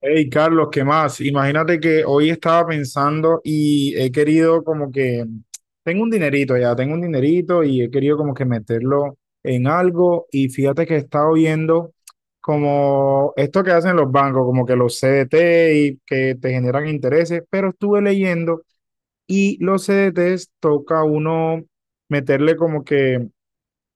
Hey, Carlos, ¿qué más? Imagínate que hoy estaba pensando y he querido tengo un dinerito ya, tengo un dinerito y he querido como que meterlo en algo y fíjate que he estado viendo como esto que hacen los bancos, como que los CDT y que te generan intereses, pero estuve leyendo y los CDTs toca uno meterle como que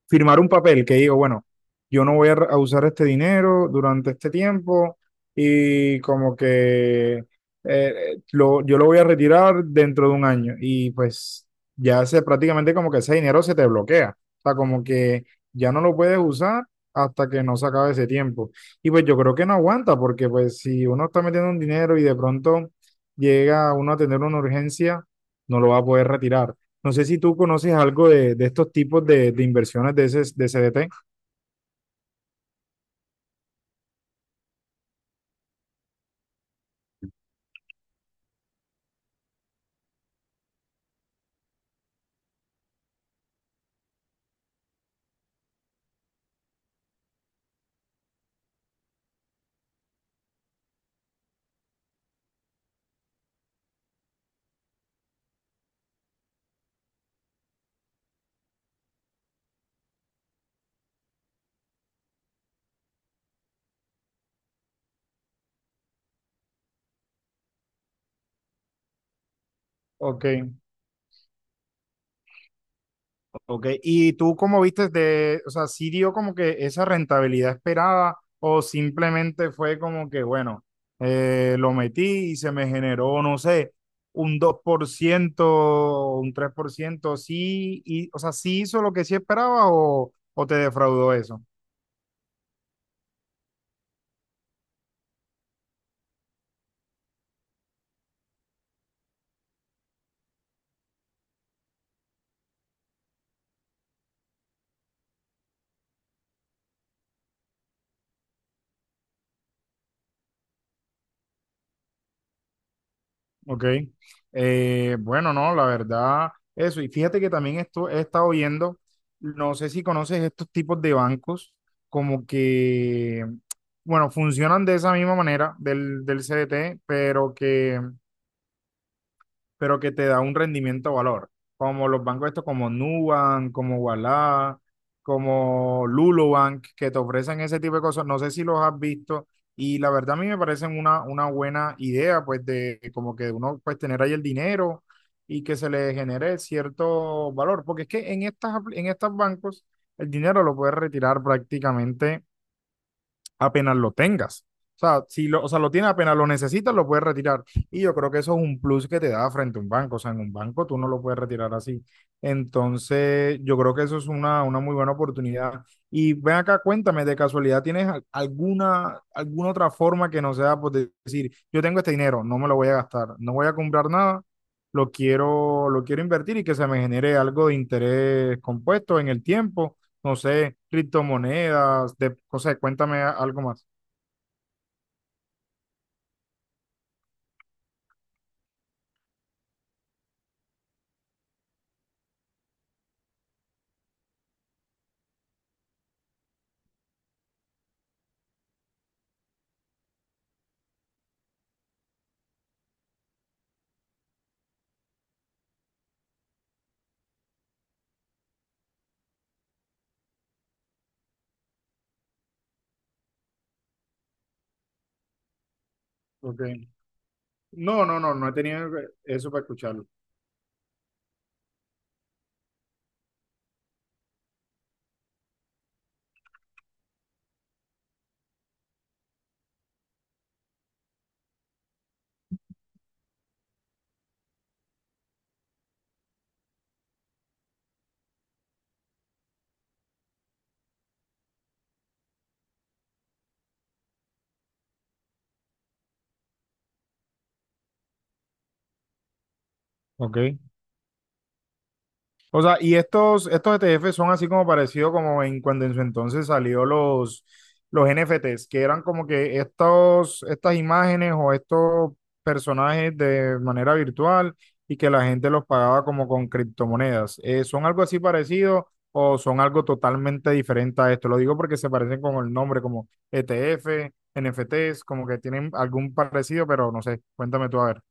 firmar un papel que digo, bueno, yo no voy a usar este dinero durante este tiempo y como que yo lo voy a retirar dentro de un año y pues ya se prácticamente como que ese dinero se te bloquea, o sea, como que ya no lo puedes usar hasta que no se acabe ese tiempo. Y pues yo creo que no aguanta porque pues si uno está metiendo un dinero y de pronto llega uno a tener una urgencia, no lo va a poder retirar. No sé si tú conoces algo de estos tipos de inversiones de, ese, de CDT. Ok, ok. ¿Y tú cómo viste de, o sea, sí dio como que esa rentabilidad esperada o simplemente fue como que, bueno, lo metí y se me generó, no sé, un 2%, un 3%, sí, y, o sea, ¿sí hizo lo que sí esperaba o te defraudó eso? Ok. Bueno, no, la verdad, eso. Y fíjate que también esto he estado viendo. No sé si conoces estos tipos de bancos, como que, bueno, funcionan de esa misma manera del CDT, pero que te da un rendimiento valor, como los bancos estos como Nubank, como Ualá, como Lulubank, que te ofrecen ese tipo de cosas. No sé si los has visto y la verdad a mí me parecen una buena idea, pues de como que uno pues tener ahí el dinero y que se le genere cierto valor, porque es que en estas, apl- en estos bancos el dinero lo puedes retirar prácticamente apenas lo tengas. O sea, si lo, o sea, lo tienes apenas lo necesitas, lo puedes retirar. Y yo creo que eso es un plus que te da frente a un banco. O sea, en un banco tú no lo puedes retirar así. Entonces, yo creo que eso es una muy buena oportunidad. Y ven acá, cuéntame, de casualidad, ¿tienes al- alguna, alguna otra forma que no sea por de- decir, yo tengo este dinero, no me lo voy a gastar, no voy a comprar nada, lo quiero invertir y que se me genere algo de interés compuesto en el tiempo, no sé, criptomonedas, de, o sea, cuéntame a- algo más. Ok. No, no, no, no he tenido eso para escucharlo. Ok. O sea, y estos ETF son así como parecido como en cuando en su entonces salió los NFTs, que eran como que estos, estas imágenes o estos personajes de manera virtual y que la gente los pagaba como con criptomonedas. ¿Son algo así parecido o son algo totalmente diferente a esto? Lo digo porque se parecen con el nombre, como ETF, NFTs, como que tienen algún parecido, pero no sé, cuéntame tú a ver.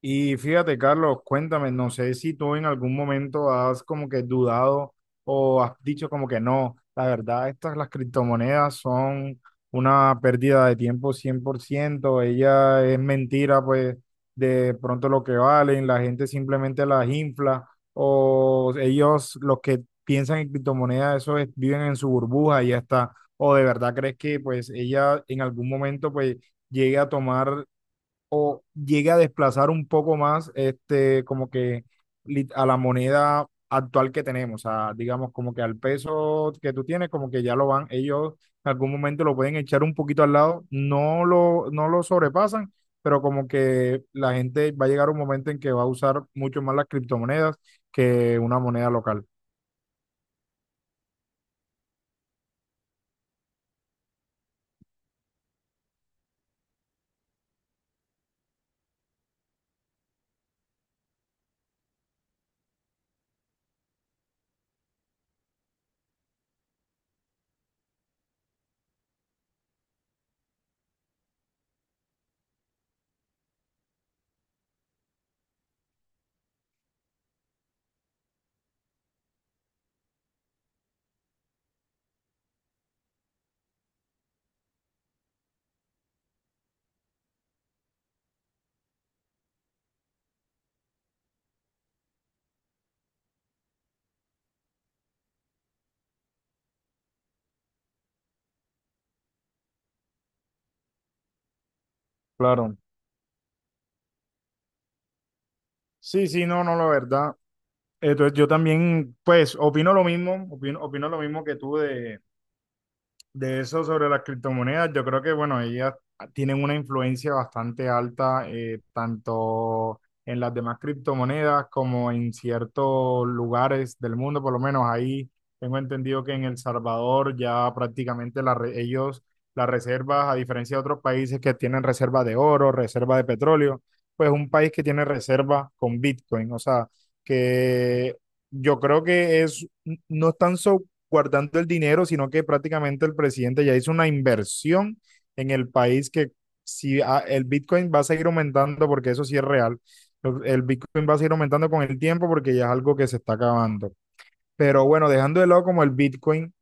Y fíjate, Carlos, cuéntame, no sé si tú en algún momento has como que dudado o has dicho como que no, la verdad, estas las criptomonedas son una pérdida de tiempo, 100% ella es mentira, pues de pronto lo que valen, la gente simplemente las infla, o ellos los que piensan en criptomonedas, eso es, viven en su burbuja y ya está, o de verdad crees que pues ella en algún momento pues llegue a tomar llegue a desplazar un poco más este, como que lit- a la moneda actual que tenemos, o sea, digamos como que al peso que tú tienes, como que ya lo van, ellos en algún momento lo pueden echar un poquito al lado, no lo sobrepasan, pero como que la gente va a llegar un momento en que va a usar mucho más las criptomonedas que una moneda local. Claro. Sí, sí, no, no, la verdad. Entonces yo también, pues, opino lo mismo, opino lo mismo que tú de eso sobre las criptomonedas, yo creo que, bueno, ellas tienen una influencia bastante alta, tanto en las demás criptomonedas como en ciertos lugares del mundo, por lo menos ahí tengo entendido que en El Salvador ya prácticamente la re- ellos, las reservas, a diferencia de otros países que tienen reserva de oro, reserva de petróleo, pues un país que tiene reserva con Bitcoin, o sea, que yo creo que es, no están so- guardando el dinero, sino que prácticamente el presidente ya hizo una inversión en el país que si ah, el Bitcoin va a seguir aumentando, porque eso sí es real, el Bitcoin va a seguir aumentando con el tiempo porque ya es algo que se está acabando. Pero bueno, dejando de lado como el Bitcoin,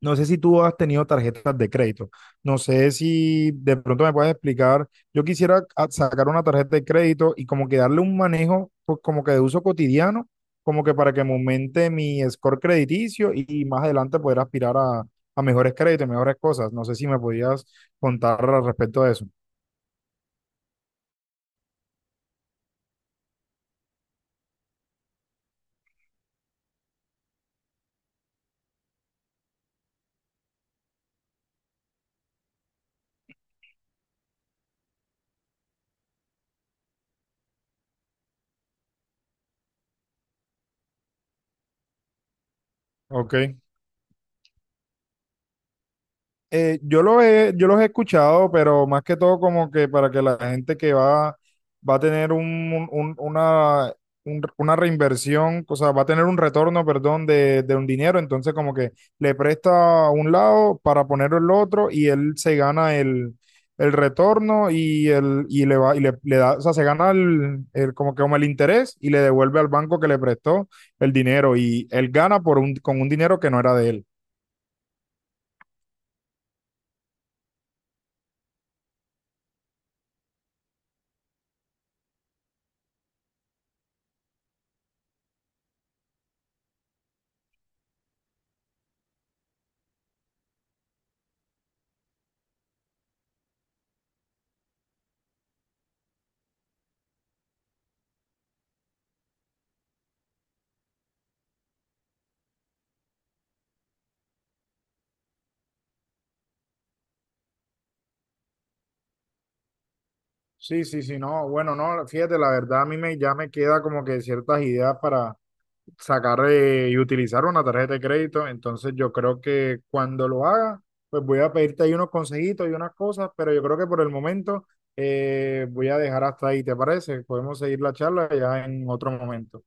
no sé si tú has tenido tarjetas de crédito. No sé si de pronto me puedes explicar. Yo quisiera a- sacar una tarjeta de crédito y como que darle un manejo pues, como que de uso cotidiano, como que para que me aumente mi score crediticio y más adelante poder aspirar a mejores créditos, mejores cosas. No sé si me podías contar al respecto de eso. Ok. Yo los he escuchado, pero más que todo como que para que la gente que va, va a tener una, una reinversión, o sea, va a tener un retorno, perdón, de un dinero, entonces como que le presta a un lado para ponerlo el otro y él se gana el retorno y, el, y le va, y le da, o sea, se gana el- como que como el interés y le devuelve al banco que le prestó el dinero y él gana por un, con un dinero que no era de él. Sí, sí, sí, no, bueno, no, fíjate, la verdad a mí me, ya me queda como que ciertas ideas para sacar y utilizar una tarjeta de crédito, entonces yo creo que cuando lo haga, pues voy a pedirte ahí unos consejitos y unas cosas, pero yo creo que por el momento, voy a dejar hasta ahí, ¿te parece? Podemos seguir la charla ya en otro momento.